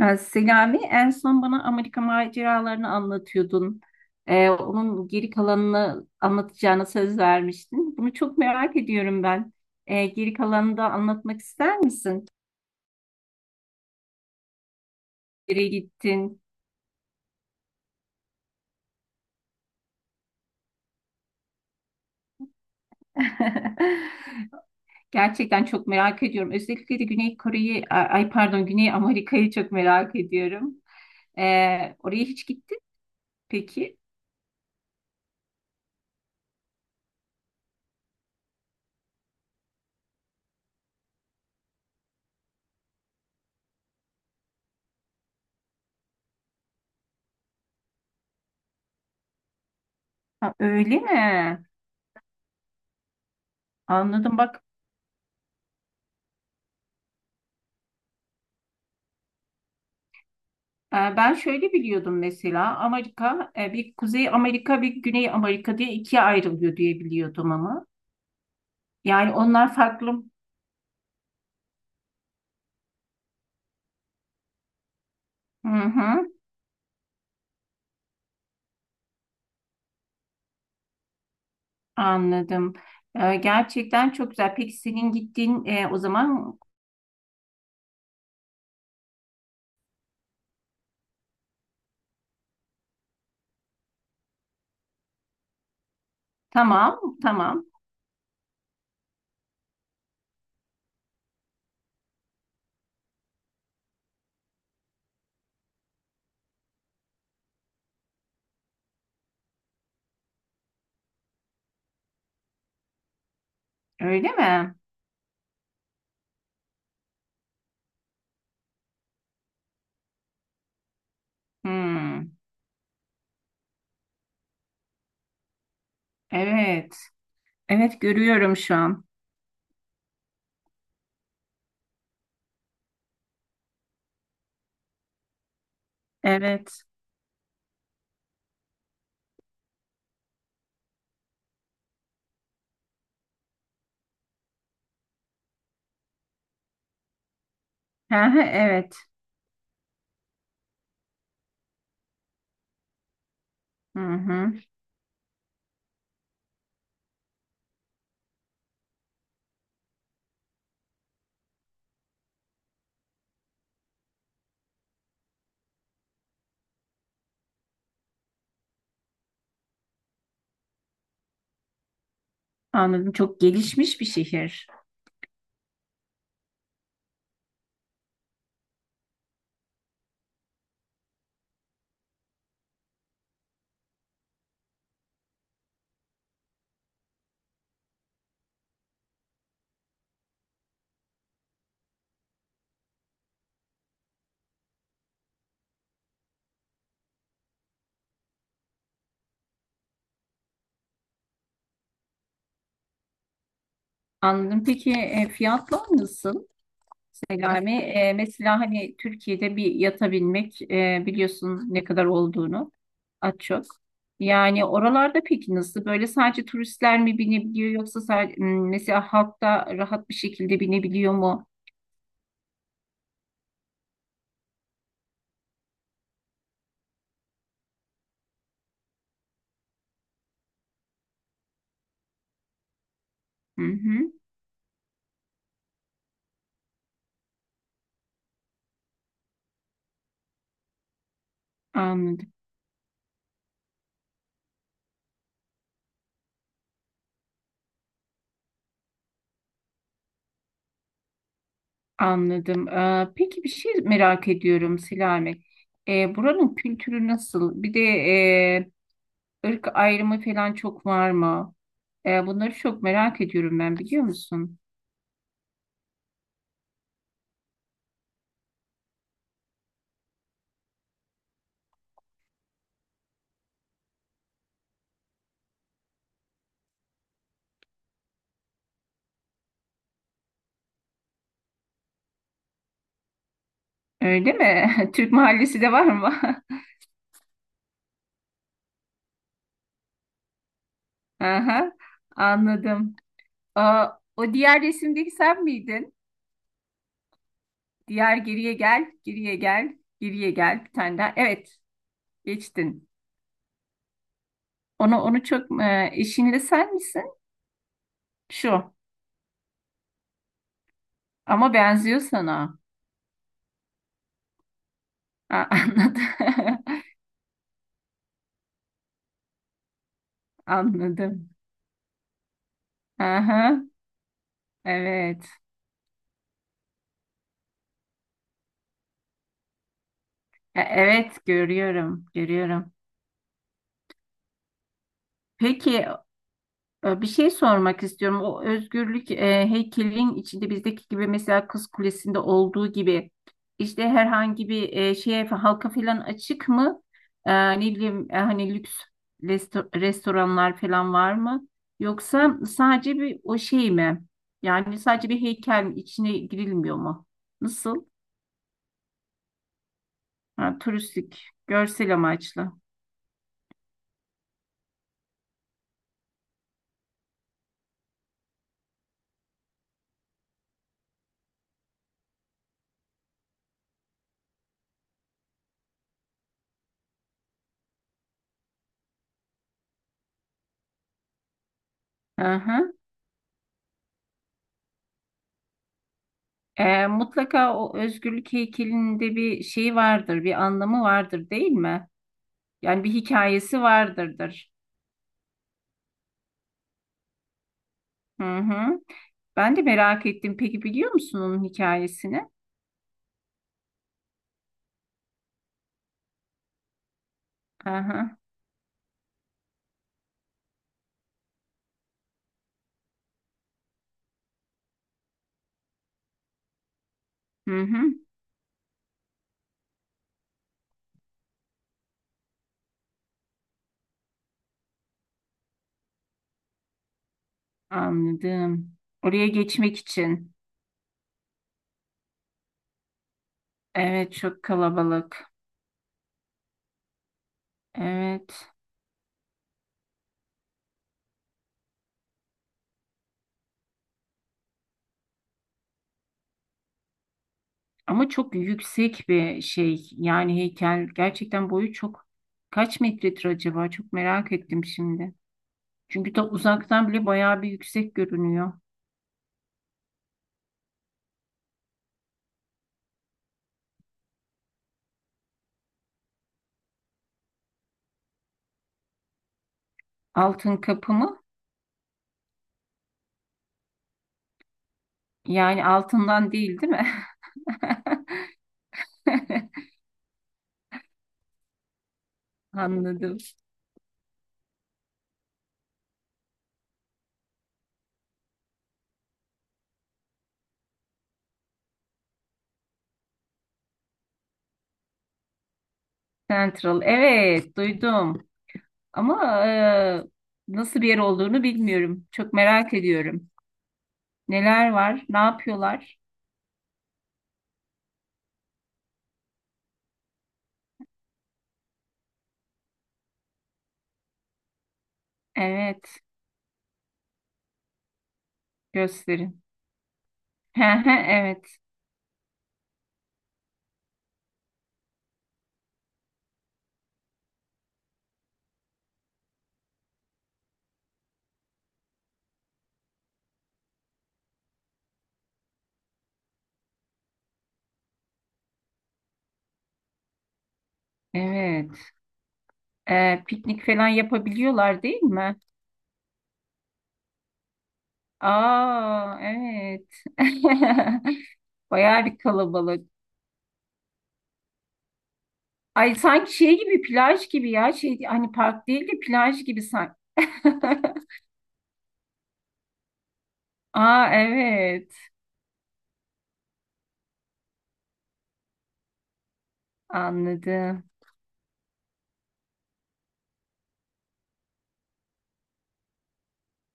Selami, en son bana Amerika maceralarını anlatıyordun. Onun geri kalanını anlatacağına söz vermiştin. Bunu çok merak ediyorum ben. Geri kalanını da anlatmak ister misin? Nereye gittin? Gerçekten çok merak ediyorum. Özellikle de Güney Kore'yi, ay pardon Güney Amerika'yı çok merak ediyorum. Oraya hiç gittin mi peki? Ha, öyle mi? Anladım bak. Ben şöyle biliyordum mesela Amerika bir Kuzey Amerika bir Güney Amerika diye ikiye ayrılıyor diye biliyordum ama. Yani onlar farklı. Hı hı, anladım. Gerçekten çok güzel. Peki senin gittiğin o zaman tamam tamam, öyle mi? Hmm, evet. Evet görüyorum şu an. Evet. Hı hı, evet. Hı hı, anladım. Çok gelişmiş bir şehir. Anladım. Peki fiyatlar nasıl? Yani mesela hani Türkiye'de bir yatabilmek biliyorsun ne kadar olduğunu az çok. Yani oralarda peki nasıl? Böyle sadece turistler mi binebiliyor yoksa sadece, mesela halk da rahat bir şekilde binebiliyor mu? Hı hı, anladım. Anladım. Peki bir şey merak ediyorum Selami. Buranın kültürü nasıl? Bir de ırk ayrımı falan çok var mı? Bunları çok merak ediyorum ben biliyor musun? Öyle mi? Türk mahallesi de var mı? Aha, anladım. Aa, o diğer resimdeki sen miydin? Diğer geriye gel, geriye gel, geriye gel bir tane daha. Evet, geçtin. Onu çok eşinle sen misin? Şu. Ama benziyor sana. Ha, anladım. Anladım. Aha, evet. E, evet görüyorum, görüyorum. Peki bir şey sormak istiyorum. O özgürlük heykelin içinde bizdeki gibi mesela Kız Kulesi'nde olduğu gibi işte herhangi bir şeye halka falan açık mı? Ne bileyim hani lüks restoranlar falan var mı? Yoksa sadece bir o şey mi? Yani sadece bir heykel içine girilmiyor mu? Nasıl? Ha, turistik, görsel amaçlı. Aha. Mutlaka o özgürlük heykelinde bir şey vardır, bir anlamı vardır değil mi? Yani bir hikayesi vardırdır. Hı hı. Ben de merak ettim. Peki biliyor musun onun hikayesini? Aha. Hı hı. Anladım. Oraya geçmek için. Evet, çok kalabalık. Evet. Ama çok yüksek bir şey. Yani heykel gerçekten boyu çok kaç metredir acaba? Çok merak ettim şimdi. Çünkü da uzaktan bile bayağı bir yüksek görünüyor. Altın kapı mı? Yani altından değil, değil mi? Anladım. Central. Evet, duydum. Ama nasıl bir yer olduğunu bilmiyorum. Çok merak ediyorum. Neler var? Ne yapıyorlar? Evet, gösterin. Evet, evet. E, piknik falan yapabiliyorlar değil mi? Aa, evet. Bayağı bir kalabalık. Ay sanki şey gibi plaj gibi ya şey hani park değil de plaj gibi sanki. Aa evet anladım.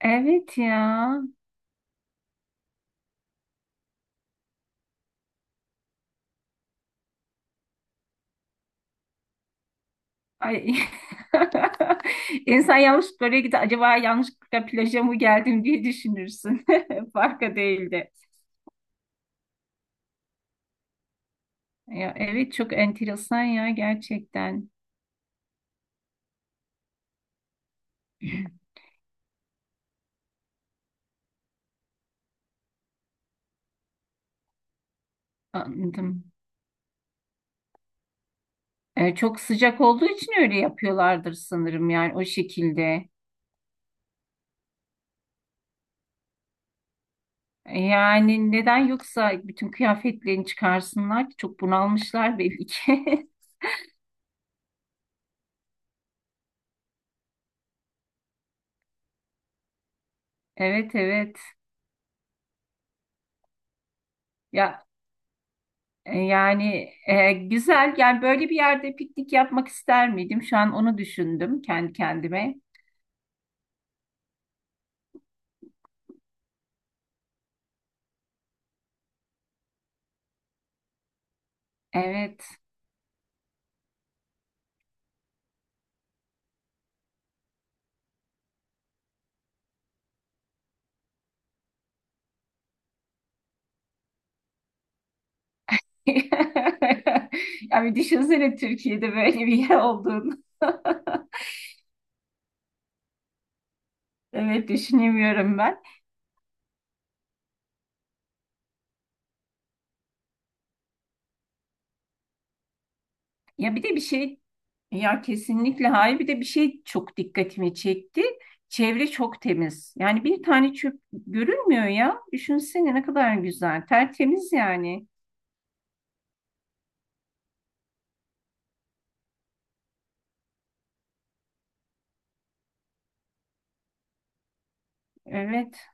Evet ya. Ay. İnsan yanlış böreğe gider. Acaba yanlışlıkla plaja mı geldim diye düşünürsün. Farka değildi. Ya, evet çok enteresan ya gerçekten. Anladım. E, çok sıcak olduğu için öyle yapıyorlardır sanırım yani o şekilde. E, Yani neden yoksa bütün kıyafetlerini çıkarsınlar ki çok bunalmışlar belli ki. Evet evet. Ya E, Yani güzel. Yani böyle bir yerde piknik yapmak ister miydim? Şu an onu düşündüm kendi kendime. Evet. Yani düşünsene Türkiye'de böyle bir yer olduğunu. Evet düşünemiyorum ben. Ya bir de bir şey ya kesinlikle hayır bir de bir şey çok dikkatimi çekti. Çevre çok temiz. Yani bir tane çöp görünmüyor ya. Düşünsene ne kadar güzel. Tertemiz yani. Evet.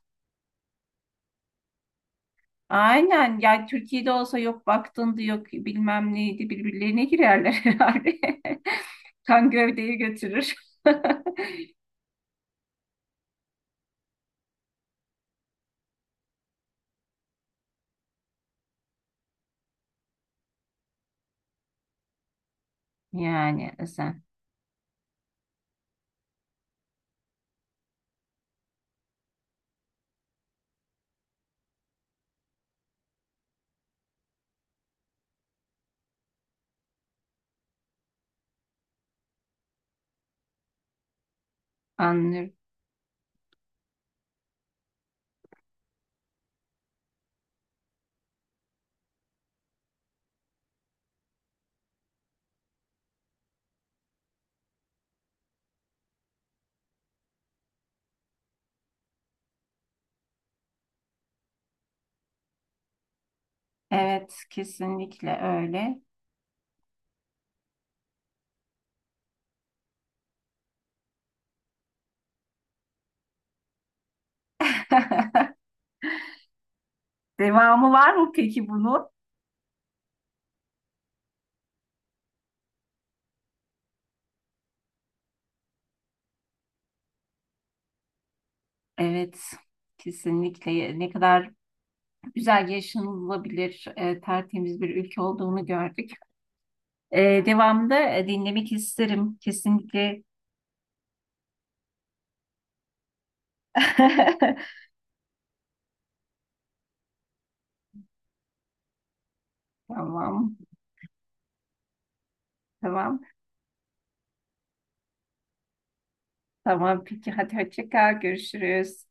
Aynen. Ya Türkiye'de olsa yok baktındı yok bilmem neydi birbirlerine girerler herhalde. Kan gövdeyi götürür. Yani sen anlıyorum. Evet kesinlikle öyle. Devamı var mı peki bunun? Evet, kesinlikle Ya, ne kadar güzel yaşanılabilir, tertemiz bir ülke olduğunu gördük. E, devamında dinlemek isterim kesinlikle. Tamam, tamam, tamam. Peki hadi hoşça kal, görüşürüz.